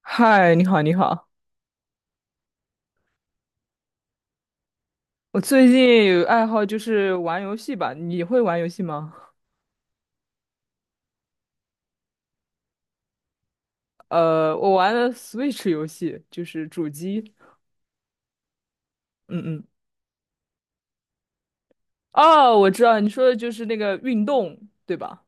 嗨，你好，你好。我最近有爱好就是玩游戏吧，你会玩游戏吗？我玩的 Switch 游戏，就是主机。嗯嗯。哦，我知道你说的就是那个运动，对吧？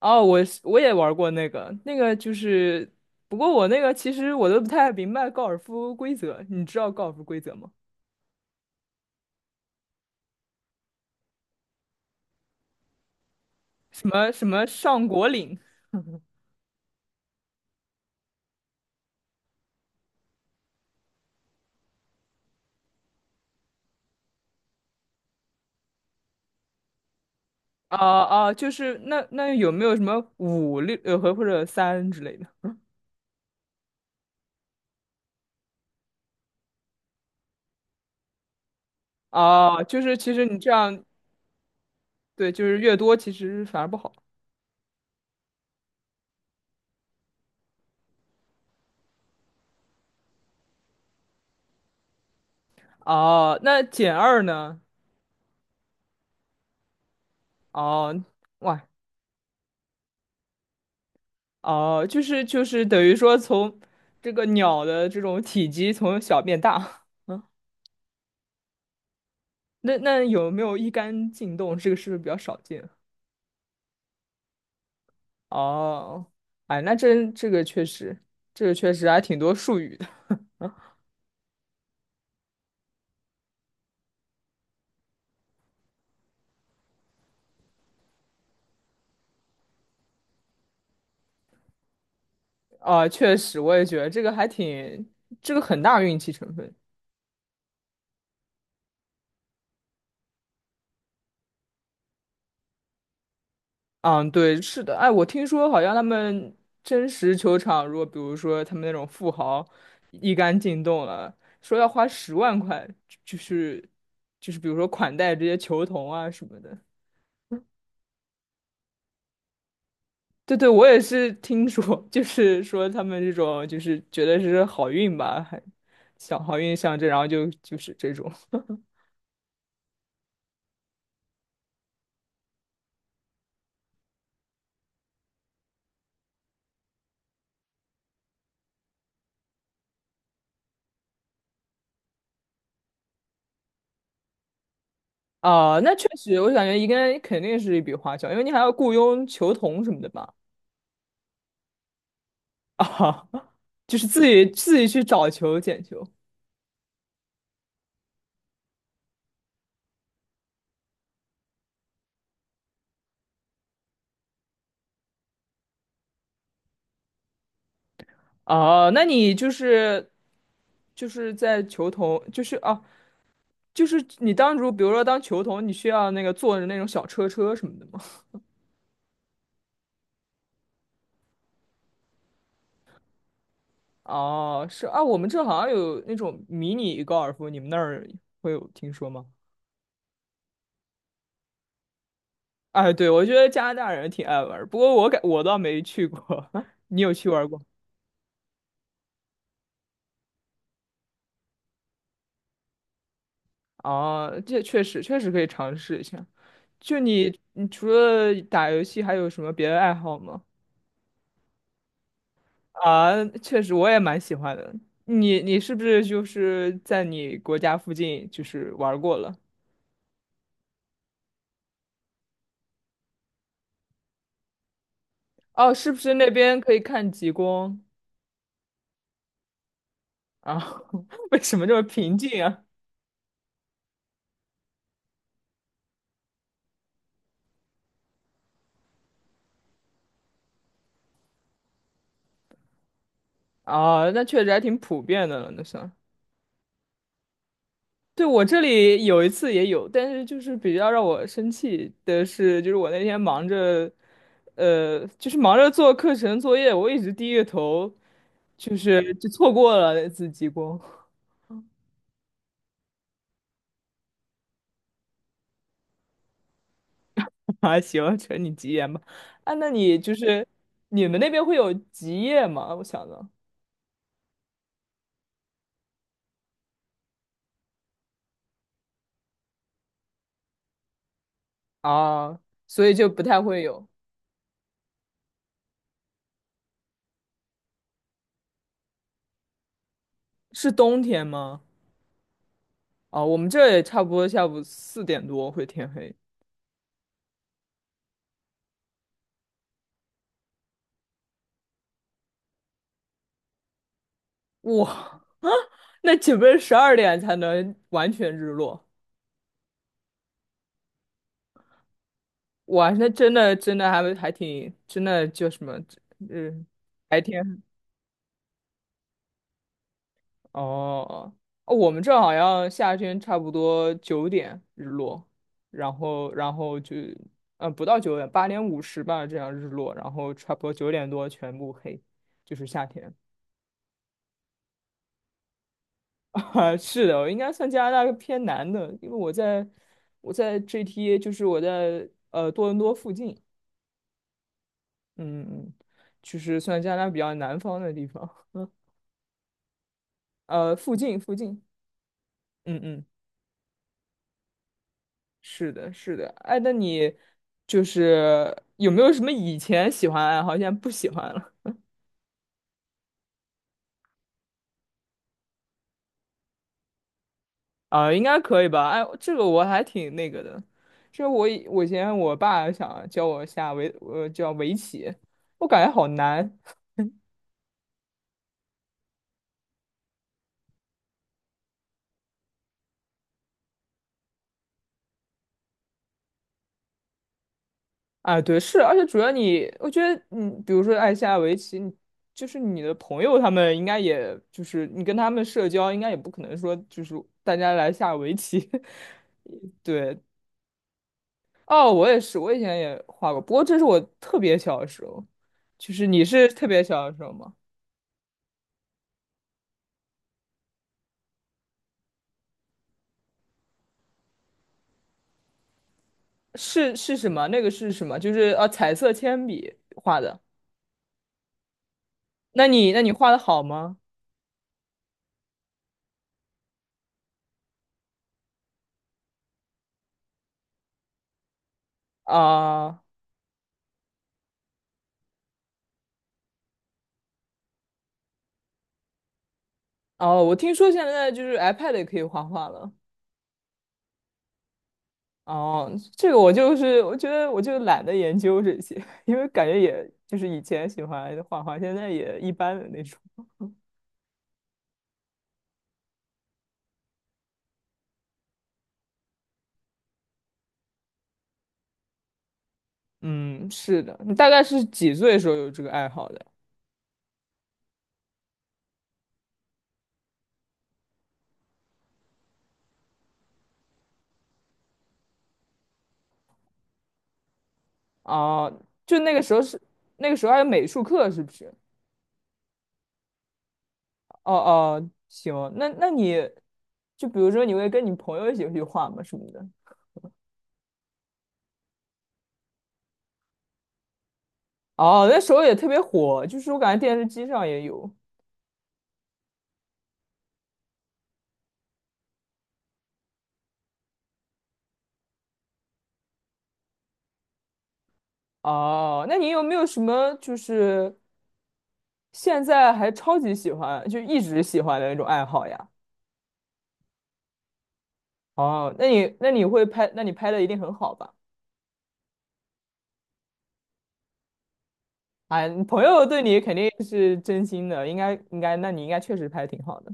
哦，我也玩过那个，那个就是，不过我那个其实我都不太明白高尔夫规则，你知道高尔夫规则吗？什么什么上果岭？啊啊，就是那有没有什么五六和或者三之类的？哦，就是其实你这样，对，就是越多其实反而不好。哦，那减二呢？哦，哇，哦，就是等于说从这个鸟的这种体积从小变大。嗯，那有没有一杆进洞？这个是不是比较少见？哦，哎，那真这个确实，这个确实还挺多术语的。啊，确实，我也觉得这个还挺，这个很大运气成分。嗯，对，是的，哎，我听说好像他们真实球场，如果比如说他们那种富豪一杆进洞了，说要花10万块，就是就是比如说款待这些球童啊什么的。对对，我也是听说，就是说他们这种就是觉得是好运吧，还想好运象征，然后就是这种。啊，那确实，我感觉应该肯定是一笔花销，因为你还要雇佣球童什么的吧？啊，就是自己去找球捡球。哦，那你就是在球童，就是哦，就是你当比如说当球童，你需要那个坐着那种小车车什么的吗？哦，是啊，我们这好像有那种迷你高尔夫，你们那儿会有听说吗？哎，对，我觉得加拿大人挺爱玩儿不过我倒没去过，你有去玩儿过？哦，这确实可以尝试一下。你除了打游戏，还有什么别的爱好吗？啊，确实我也蛮喜欢的。你是不是就是在你国家附近就是玩儿过了？哦，是不是那边可以看极光啊？为什么这么平静啊？啊，那确实还挺普遍的了，那算。对，我这里有一次也有，但是就是比较让我生气的是，就是我那天忙着，就是忙着做课程作业，我一直低着头，就是就错过了那次极光。啊，行，承你吉言吧。啊，那你就是你们那边会有极夜吗？我想着啊，所以就不太会有。是冬天吗？啊，我们这也差不多下午4点多会天黑。哇，啊，那岂不是12点才能完全日落？哇，那真的真的还挺真的叫什么？嗯，白天。哦，哦，我们这儿好像夏天差不多九点日落，然后就，嗯，不到九点，8点50吧，这样日落，然后差不多9点多全部黑，就是夏天。啊，是的，我应该算加拿大偏南的，因为我在 GTA，就是我在多伦多附近，嗯嗯，就是算加拿大比较南方的地方，附近附近，嗯嗯。是的，是的，哎，那你就是有没有什么以前喜欢的爱好，现在不喜欢了？啊，应该可以吧？哎，这个我还挺那个的，这我以前我爸想教我下围，叫围棋，我感觉好难啊。对，是，而且主要你，我觉得你，比如说爱下围棋，你就是你的朋友他们应该也就是你跟他们社交，应该也不可能说就是大家来下围棋，对，哦，我也是，我以前也画过，不过这是我特别小的时候，就是你是特别小的时候吗？是什么？那个是什么？就是彩色铅笔画的。那你画的好吗？啊，哦，我听说现在就是 iPad 也可以画画了。哦，这个我就是我觉得我就懒得研究这些，因为感觉也就是以前喜欢画画，现在也一般的那种。嗯，是的。你大概是几岁的时候有这个爱好的？哦，就那个时候是那个时候还有美术课，是不是？哦哦，行，那你就比如说你会跟你朋友一起去画吗？什么的？哦，那时候也特别火，就是我感觉电视机上也有。哦，那你有没有什么就是现在还超级喜欢，就一直喜欢的那种爱好呀？哦，那你会拍，那你拍的一定很好吧？哎，你朋友对你肯定是真心的，应该应该，那你应该确实拍的挺好的。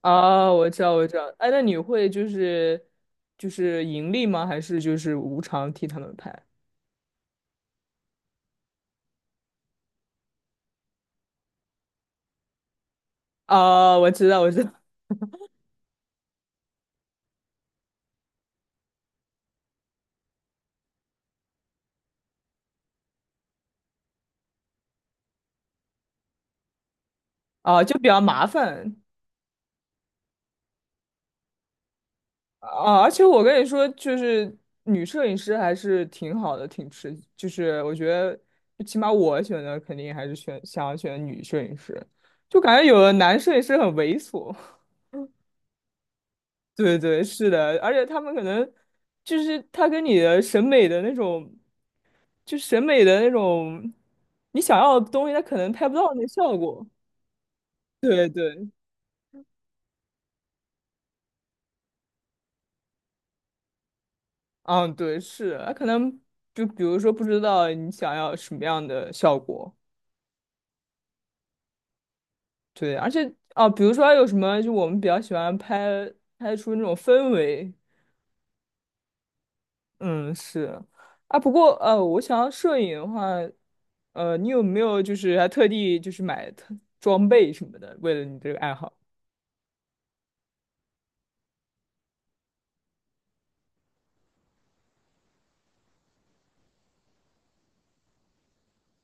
啊，我知道，我知道。哎，那你会就是盈利吗？还是就是无偿替他们拍？啊，我知道，我知道。啊，就比较麻烦啊。而且我跟你说，就是女摄影师还是挺好的，挺吃。就是我觉得，就起码我选的肯定还是选想要选女摄影师，就感觉有的男摄影师很猥琐。对对，是的，而且他们可能就是他跟你的审美的那种，就审美的那种，你想要的东西，他可能拍不到那效果。对对，嗯，对，是，他可能就比如说不知道你想要什么样的效果，对，而且哦，比如说还有什么，就我们比较喜欢拍出那种氛围，嗯，是啊，不过我想要摄影的话，你有没有就是还特地就是买装备什么的，为了你这个爱好？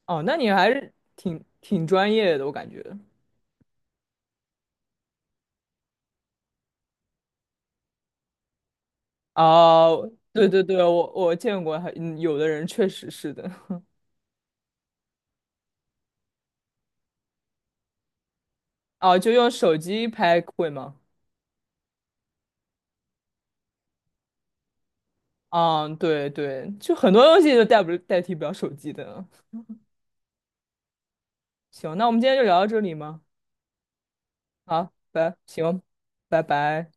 哦，那你还是挺专业的，我感觉。哦，对对对，我见过还，有的人确实是的。哦，就用手机拍会吗？嗯，对对，就很多东西都不代替不了手机的。行，那我们今天就聊到这里吗？好，拜，行，拜拜。